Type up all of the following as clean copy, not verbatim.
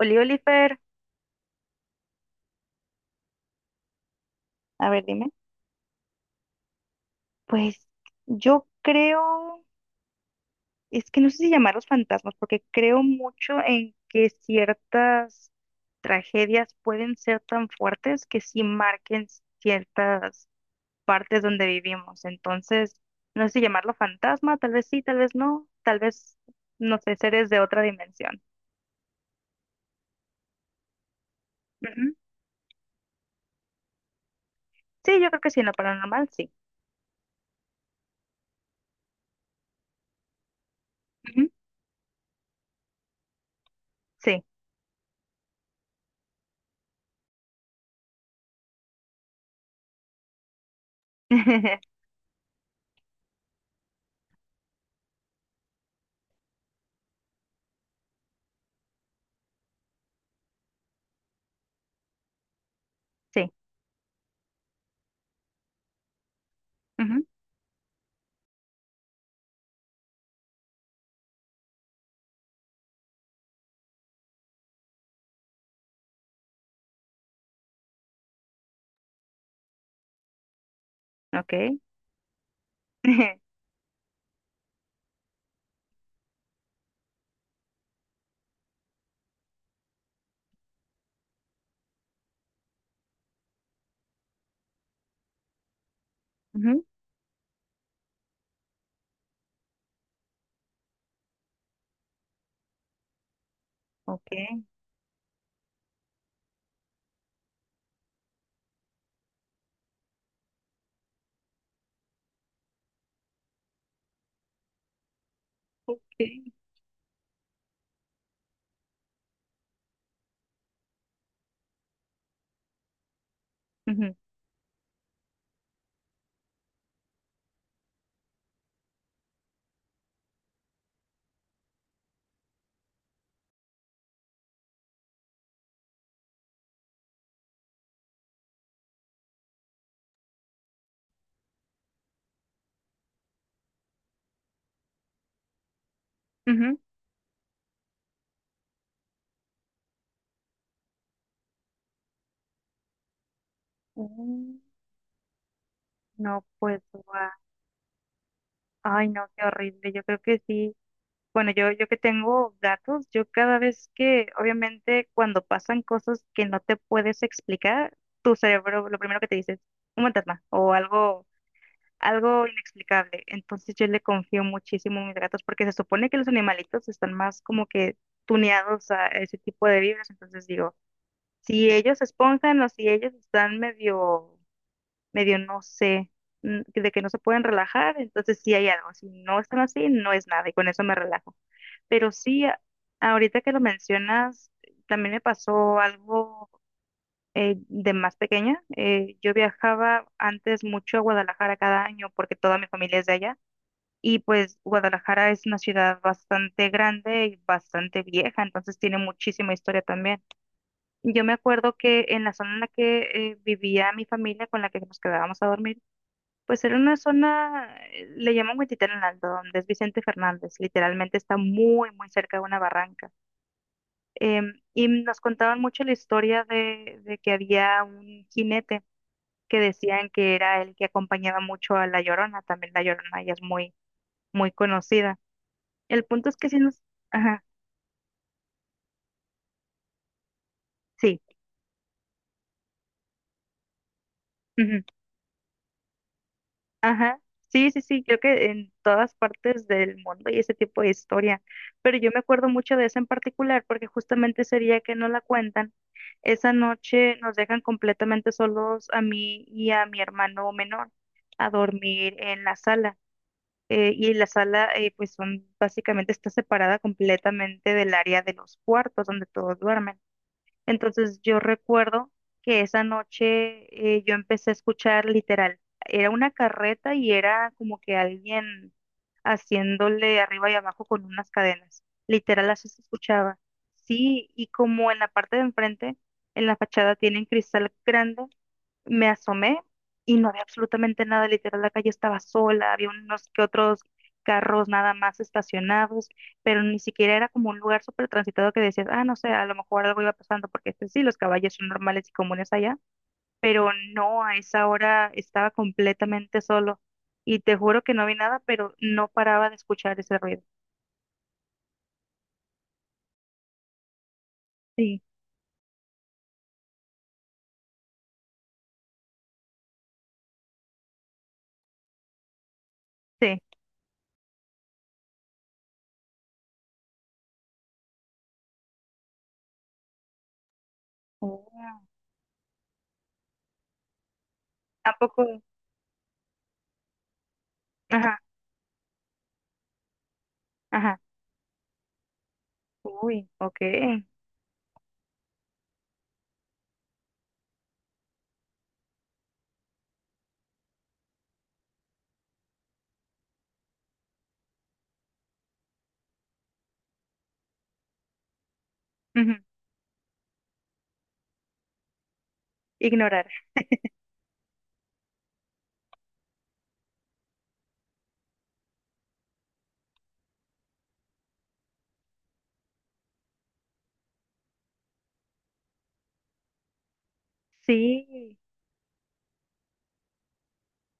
Oliver, a ver, dime. Pues yo creo, es que no sé si llamarlos fantasmas, porque creo mucho en que ciertas tragedias pueden ser tan fuertes que sí marquen ciertas partes donde vivimos. Entonces, no sé si llamarlo fantasma, tal vez sí, tal vez, no sé, seres de otra dimensión. Ujú. Sí, yo creo que sí, en lo paranormal, sí. Ujú. Sí, sí, ujú, ok. Ujú, ok. Ok. Ujú, ujú. Mm, no, pues, guau. Ay, no, qué horrible. Yo creo que sí. Bueno, yo que tengo gatos, yo cada vez que, obviamente, cuando pasan cosas que no te puedes explicar, tu cerebro, lo primero que te dice es un fantasma o algo, algo inexplicable. Entonces yo le confío muchísimo a mis gatos porque se supone que los animalitos están más como que tuneados a ese tipo de vibras. Entonces digo, si ellos se esponjan o si ellos están medio no sé, de que no se pueden relajar, entonces sí hay algo, si no están así, no es nada y con eso me relajo. Pero sí, ahorita que lo mencionas, también me pasó algo de más pequeña. Yo viajaba antes mucho a Guadalajara cada año porque toda mi familia es de allá. Y pues Guadalajara es una ciudad bastante grande y bastante vieja, entonces tiene muchísima historia también. Yo me acuerdo que en la zona en la que vivía mi familia con la que nos quedábamos a dormir, pues era una zona, le llaman Huentitán en alto donde es Vicente Fernández, literalmente está muy, muy cerca de una barranca. Y nos contaban mucho la historia de que había un jinete que decían que era el que acompañaba mucho a La Llorona, también La Llorona ya es muy, muy conocida. El punto es que sí nos. Ajá, sí. Ajá, sí, sí, sí, creo que en todas partes del mundo y ese tipo de historia, pero yo me acuerdo mucho de esa en particular porque justamente ese día que no la cuentan, esa noche nos dejan completamente solos a mí y a mi hermano menor a dormir en la sala y la sala pues son básicamente está separada completamente del área de los cuartos donde todos duermen. Entonces yo recuerdo que esa noche yo empecé a escuchar literal, era una carreta y era como que alguien haciéndole arriba y abajo con unas cadenas. Literal así se escuchaba. Sí, y como en la parte de enfrente, en la fachada tienen cristal grande, me asomé y no había absolutamente nada, literal, la calle estaba sola, había unos que otros carros nada más estacionados, pero ni siquiera era como un lugar súper transitado que decías, ah, no sé, a lo mejor algo iba pasando, porque este, sí, los caballos son normales y comunes allá, pero no, a esa hora estaba completamente solo y te juro que no vi nada, pero no paraba de escuchar ese ruido. Sí, sí. Oh. ¿A poco? Ajá, ajá. Uy, ok. Ujú. Ignorar. Sí.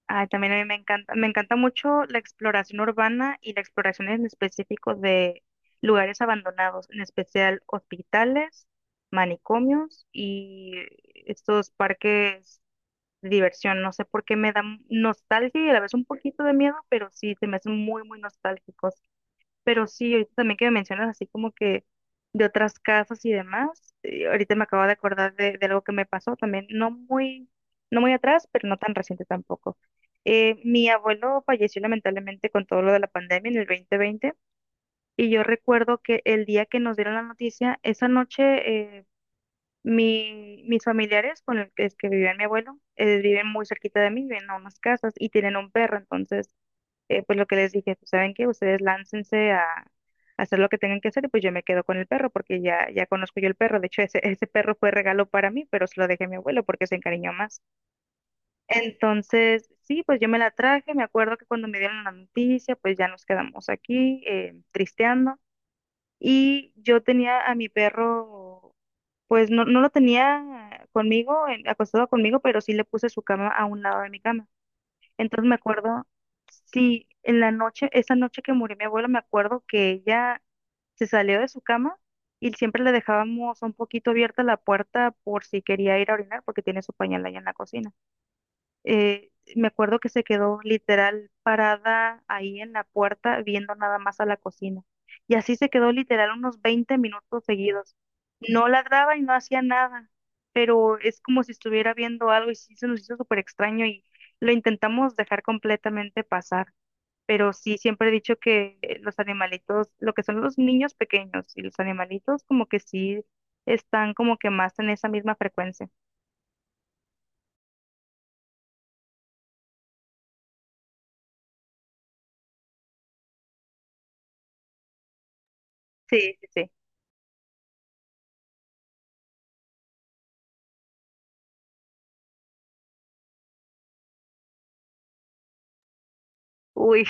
Ay, también a mí me encanta mucho la exploración urbana y la exploración en específico de lugares abandonados, en especial hospitales, manicomios y estos parques de diversión. No sé por qué me dan nostalgia y a la vez un poquito de miedo, pero sí, se me hacen muy, muy nostálgicos. Pero sí, ahorita también que me mencionas así como que de otras casas y demás, ahorita me acabo de acordar de algo que me pasó también, no muy atrás, pero no tan reciente tampoco. Mi abuelo falleció lamentablemente con todo lo de la pandemia en el 2020 y yo recuerdo que el día que nos dieron la noticia, esa noche eh, mis familiares con el que, es que vivía mi abuelo, viven muy cerquita de mí, viven a unas casas y tienen un perro, entonces pues lo que les dije, pues saben que ustedes láncense a hacer lo que tengan que hacer y pues yo me quedo con el perro porque ya conozco yo el perro. De hecho, ese perro fue regalo para mí, pero se lo dejé a mi abuelo porque se encariñó más. Entonces, sí, pues yo me la traje. Me acuerdo que cuando me dieron la noticia, pues ya nos quedamos aquí tristeando. Y yo tenía a mi perro, pues no lo tenía conmigo, acostado conmigo, pero sí le puse su cama a un lado de mi cama. Entonces me acuerdo, sí, en la noche, esa noche que murió mi abuela, me acuerdo que ella se salió de su cama y siempre le dejábamos un poquito abierta la puerta por si quería ir a orinar porque tiene su pañal allá en la cocina eh, me acuerdo que se quedó literal parada ahí en la puerta viendo nada más a la cocina. Y así se quedó literal unos 20 minutos seguidos. No ladraba y no hacía nada, pero es como si estuviera viendo algo y sí se nos hizo súper extraño y lo intentamos dejar completamente pasar. Pero sí, siempre he dicho que los animalitos, lo que son los niños pequeños y los animalitos como que sí están como que más en esa misma frecuencia. Sí, sí, sí. Uy,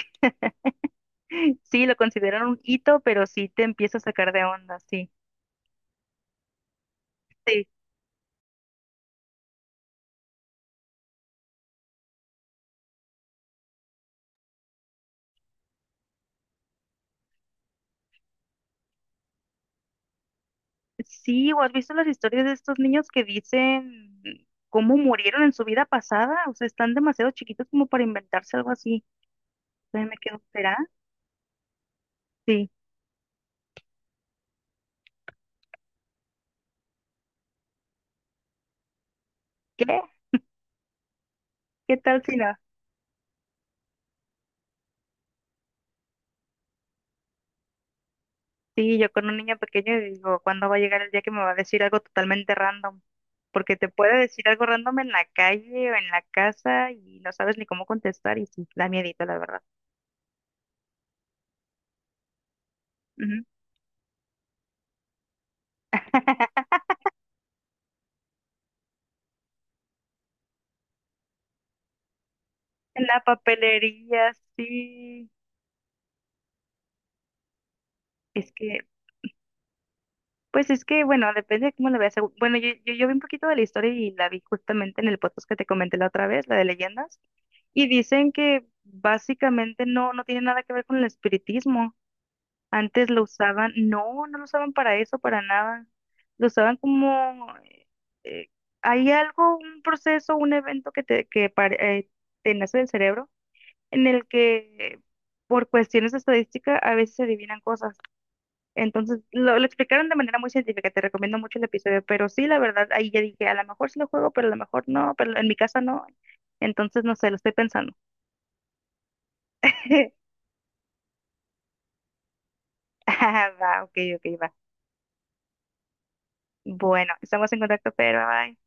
sí, lo consideran un hito, pero sí te empieza a sacar de onda, sí. Sí, sí, ¿o has visto las historias de estos niños que dicen cómo murieron en su vida pasada? O sea, están demasiado chiquitos como para inventarse algo así. Entonces me quedo, ¿será? Sí. ¿Qué? ¿Qué tal si no? Sí, yo con un niño pequeño digo, ¿cuándo va a llegar el día que me va a decir algo totalmente random? Porque te puede decir algo random en la calle o en la casa y no sabes ni cómo contestar y sí, da miedito, la verdad. Ujú. En la papelería, sí. Es que, pues es que, bueno, depende de cómo lo veas. Bueno, yo vi un poquito de la historia y la vi justamente en el podcast que te comenté la otra vez, la de leyendas, y dicen que básicamente no tiene nada que ver con el espiritismo. Antes lo usaban, no lo usaban para eso, para nada. Lo usaban como, eh, hay algo, un proceso, un evento que te, que pare- te nace del cerebro en el que por cuestiones de estadística a veces se adivinan cosas. Entonces, lo explicaron de manera muy científica, te recomiendo mucho el episodio, pero sí, la verdad, ahí ya dije, a lo mejor sí lo juego, pero a lo mejor no, pero en mi casa no. Entonces, no sé, lo estoy pensando. Ah, va, ok, ok, va. Bueno, estamos en contacto, pero bye.